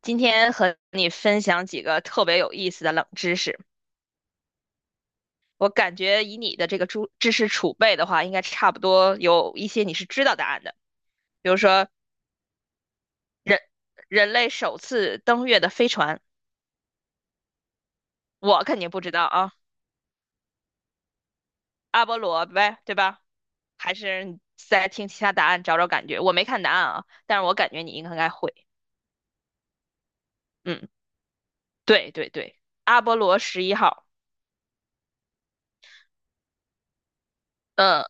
今天和你分享几个特别有意思的冷知识。我感觉以你的这个知识储备的话，应该差不多有一些你是知道答案的。比如说人人类首次登月的飞船，我肯定不知道啊，阿波罗呗，对吧？还是你再听其他答案找找感觉。我没看答案啊，但是我感觉你应该会。嗯，对对对，阿波罗11号。嗯，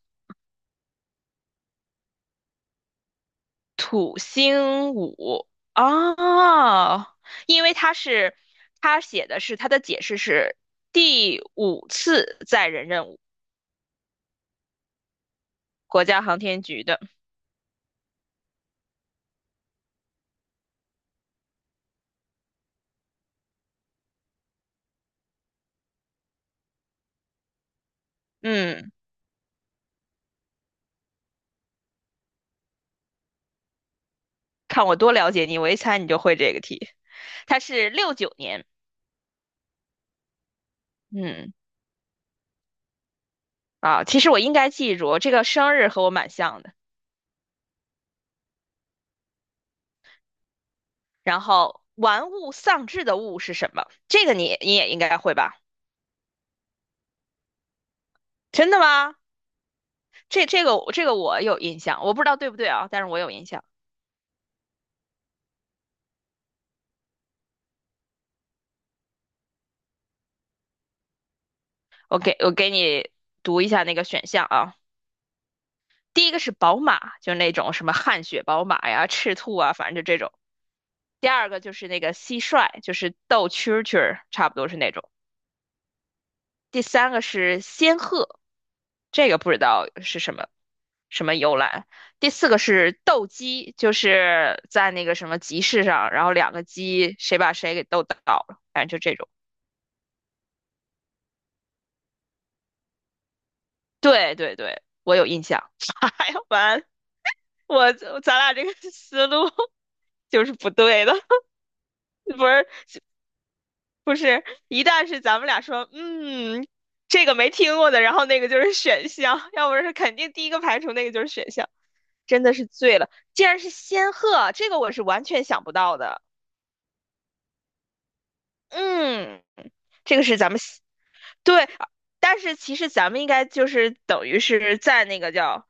土星五哦，因为他是他写的是他的解释是第五次载人任务，国家航天局的。嗯，看我多了解你，我一猜你就会这个题。他是69年，嗯啊，其实我应该记住这个生日和我蛮像的。然后玩物丧志的物是什么？这个你也应该会吧？真的吗？这个我有印象，我不知道对不对啊，但是我有印象。我给我给你读一下那个选项啊。第一个是宝马，就那种什么汗血宝马呀、赤兔啊，反正就这种。第二个就是那个蟋蟀，就是斗蛐蛐儿，差不多是那种。第三个是仙鹤，这个不知道是什么什么由来。第四个是斗鸡，就是在那个什么集市上，然后两个鸡谁把谁给斗倒了，反正就这种。对对对，我有印象。哎呀，完，我咱俩这个思路。就是不对的，不是不是，一旦是咱们俩说，嗯，这个没听过的，然后那个就是选项，要不然是肯定第一个排除那个就是选项，真的是醉了。竟然是仙鹤，这个我是完全想不到的。嗯，这个是咱们对，但是其实咱们应该就是等于是在那个叫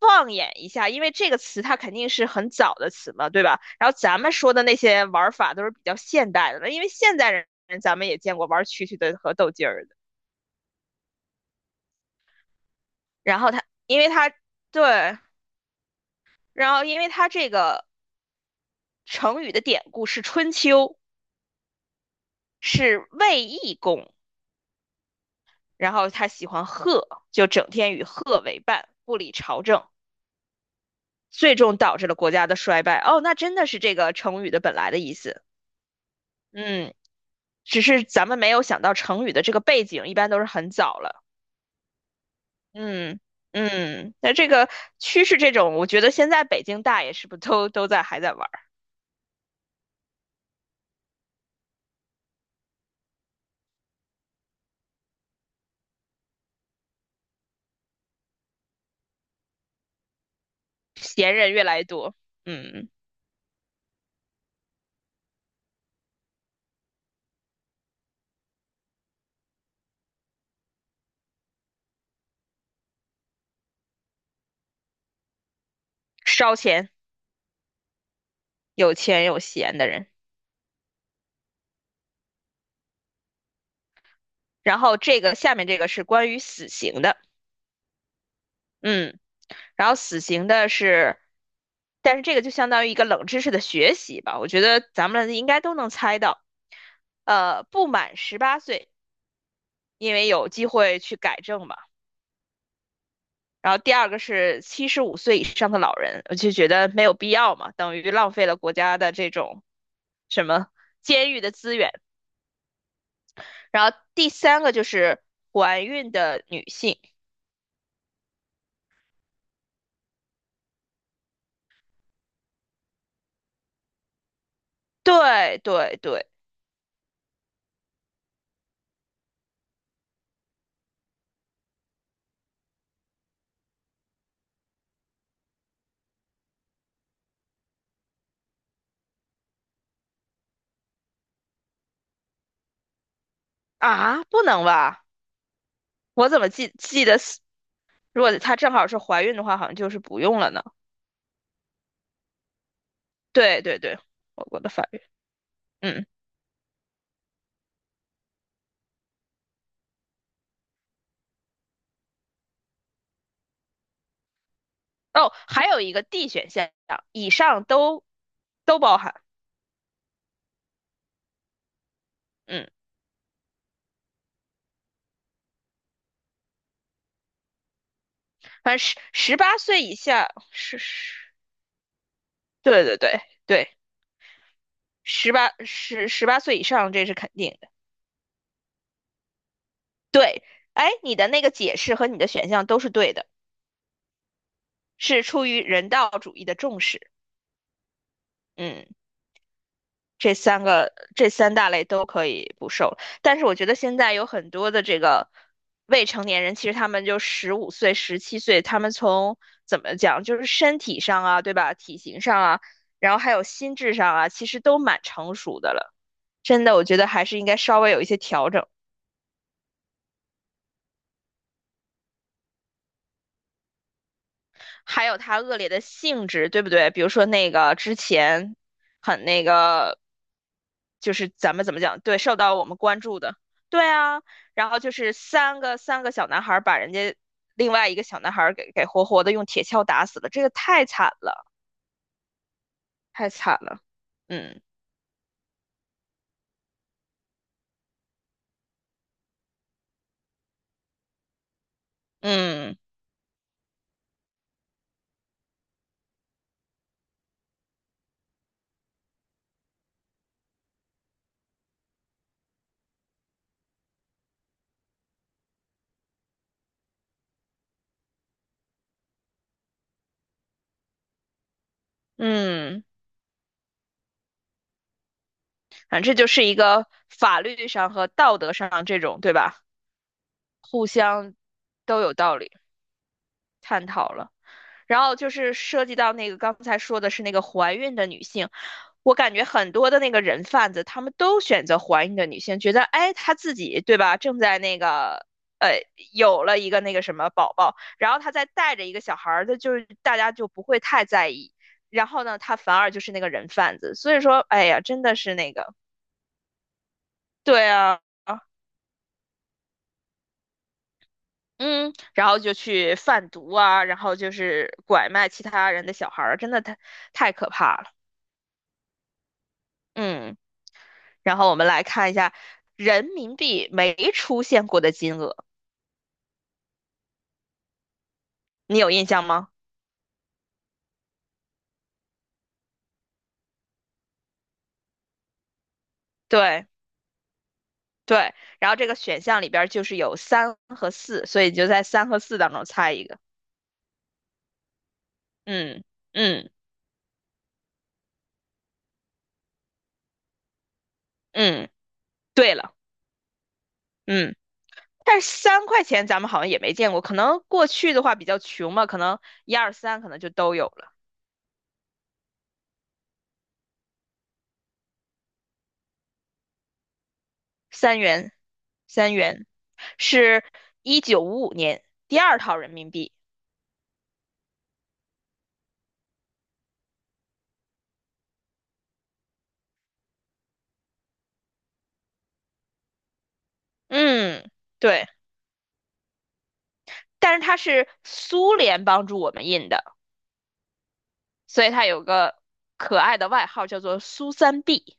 放眼一下，因为这个词它肯定是很早的词嘛，对吧？然后咱们说的那些玩儿法都是比较现代的了，因为现代人咱们也见过玩儿蛐蛐的和斗鸡儿的。然后它，因为它对，然后因为它这个成语的典故是春秋，是卫懿公，然后他喜欢鹤，就整天与鹤为伴，不理朝政。最终导致了国家的衰败。哦，那真的是这个成语的本来的意思。嗯，只是咱们没有想到成语的这个背景，一般都是很早了。嗯嗯，那这个趋势这种，我觉得现在北京大爷是不是都在还在玩儿？闲人越来越多。嗯，烧钱，有钱有闲的人。然后这个下面这个是关于死刑的。嗯，然后死刑的是。但是这个就相当于一个冷知识的学习吧，我觉得咱们应该都能猜到。不满十八岁，因为有机会去改正嘛。然后第二个是75岁以上的老人，我就觉得没有必要嘛，等于浪费了国家的这种什么监狱的资源。然后第三个就是怀孕的女性，对对对，啊，不能吧？我怎么记得是如果她正好是怀孕的话，好像就是不用了呢？对对对，我国的法律，嗯，哦，还有一个 D 选项，以上都包含。嗯，反正十八岁以下是，对对对对，十八岁以上这是肯定的。对，哎，你的那个解释和你的选项都是对的，是出于人道主义的重视。嗯，这三大类都可以不受，但是我觉得现在有很多的这个未成年人，其实他们就十五岁、17岁，他们从怎么讲，就是身体上啊，对吧？体型上啊，然后还有心智上啊，其实都蛮成熟的了。真的，我觉得还是应该稍微有一些调整。还有它恶劣的性质，对不对？比如说那个之前很那个，就是咱们怎么讲，对，受到我们关注的，对啊。然后就是三个小男孩儿把人家另外一个小男孩儿给活活的用铁锹打死了，这个太惨了，太惨了。嗯嗯嗯，反正这就是一个法律上和道德上这种，对吧？互相都有道理，探讨了。然后就是涉及到那个刚才说的是那个怀孕的女性，我感觉很多的那个人贩子，他们都选择怀孕的女性，觉得哎，她自己对吧，正在那个呃有了一个那个什么宝宝，然后她再带着一个小孩儿，她就是大家就不会太在意。然后呢，她反而就是那个人贩子，所以说，哎呀，真的是那个，对啊。嗯，然后就去贩毒啊，然后就是拐卖其他人的小孩儿，真的太可怕了。嗯。然后我们来看一下人民币没出现过的金额，你有印象吗？对对，然后这个选项里边儿就是有三和四，所以你就在三和四当中猜一个。嗯嗯嗯，对了，嗯，但是三块钱咱们好像也没见过，可能过去的话比较穷嘛，可能一二三可能就都有了。三元，三元是1955年第二套人民币。嗯，对。但是它是苏联帮助我们印的，所以它有个可爱的外号叫做苏三 B。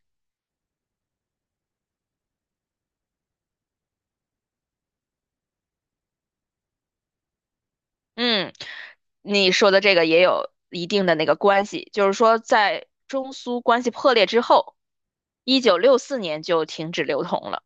嗯，你说的这个也有一定的那个关系，就是说在中苏关系破裂之后，1964年就停止流通了。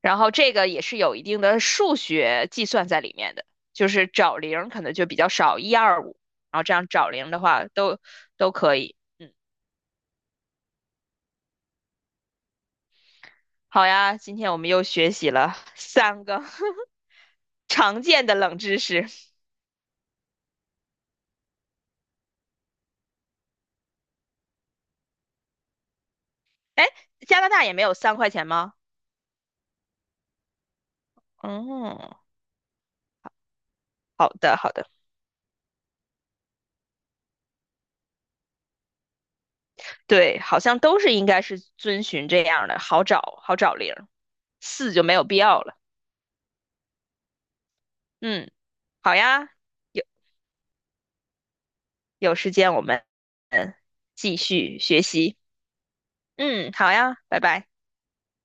然后这个也是有一定的数学计算在里面的，就是找零可能就比较少，一二五，然后这样找零的话都可以。好呀，今天我们又学习了三个 常见的冷知识。哎，加拿大也没有三块钱吗？哦，好的好的，对，好像都是应该是遵循这样的，好找零儿，四就没有必要了。嗯，好呀，有有时间我们嗯继续学习。嗯，好呀，拜拜。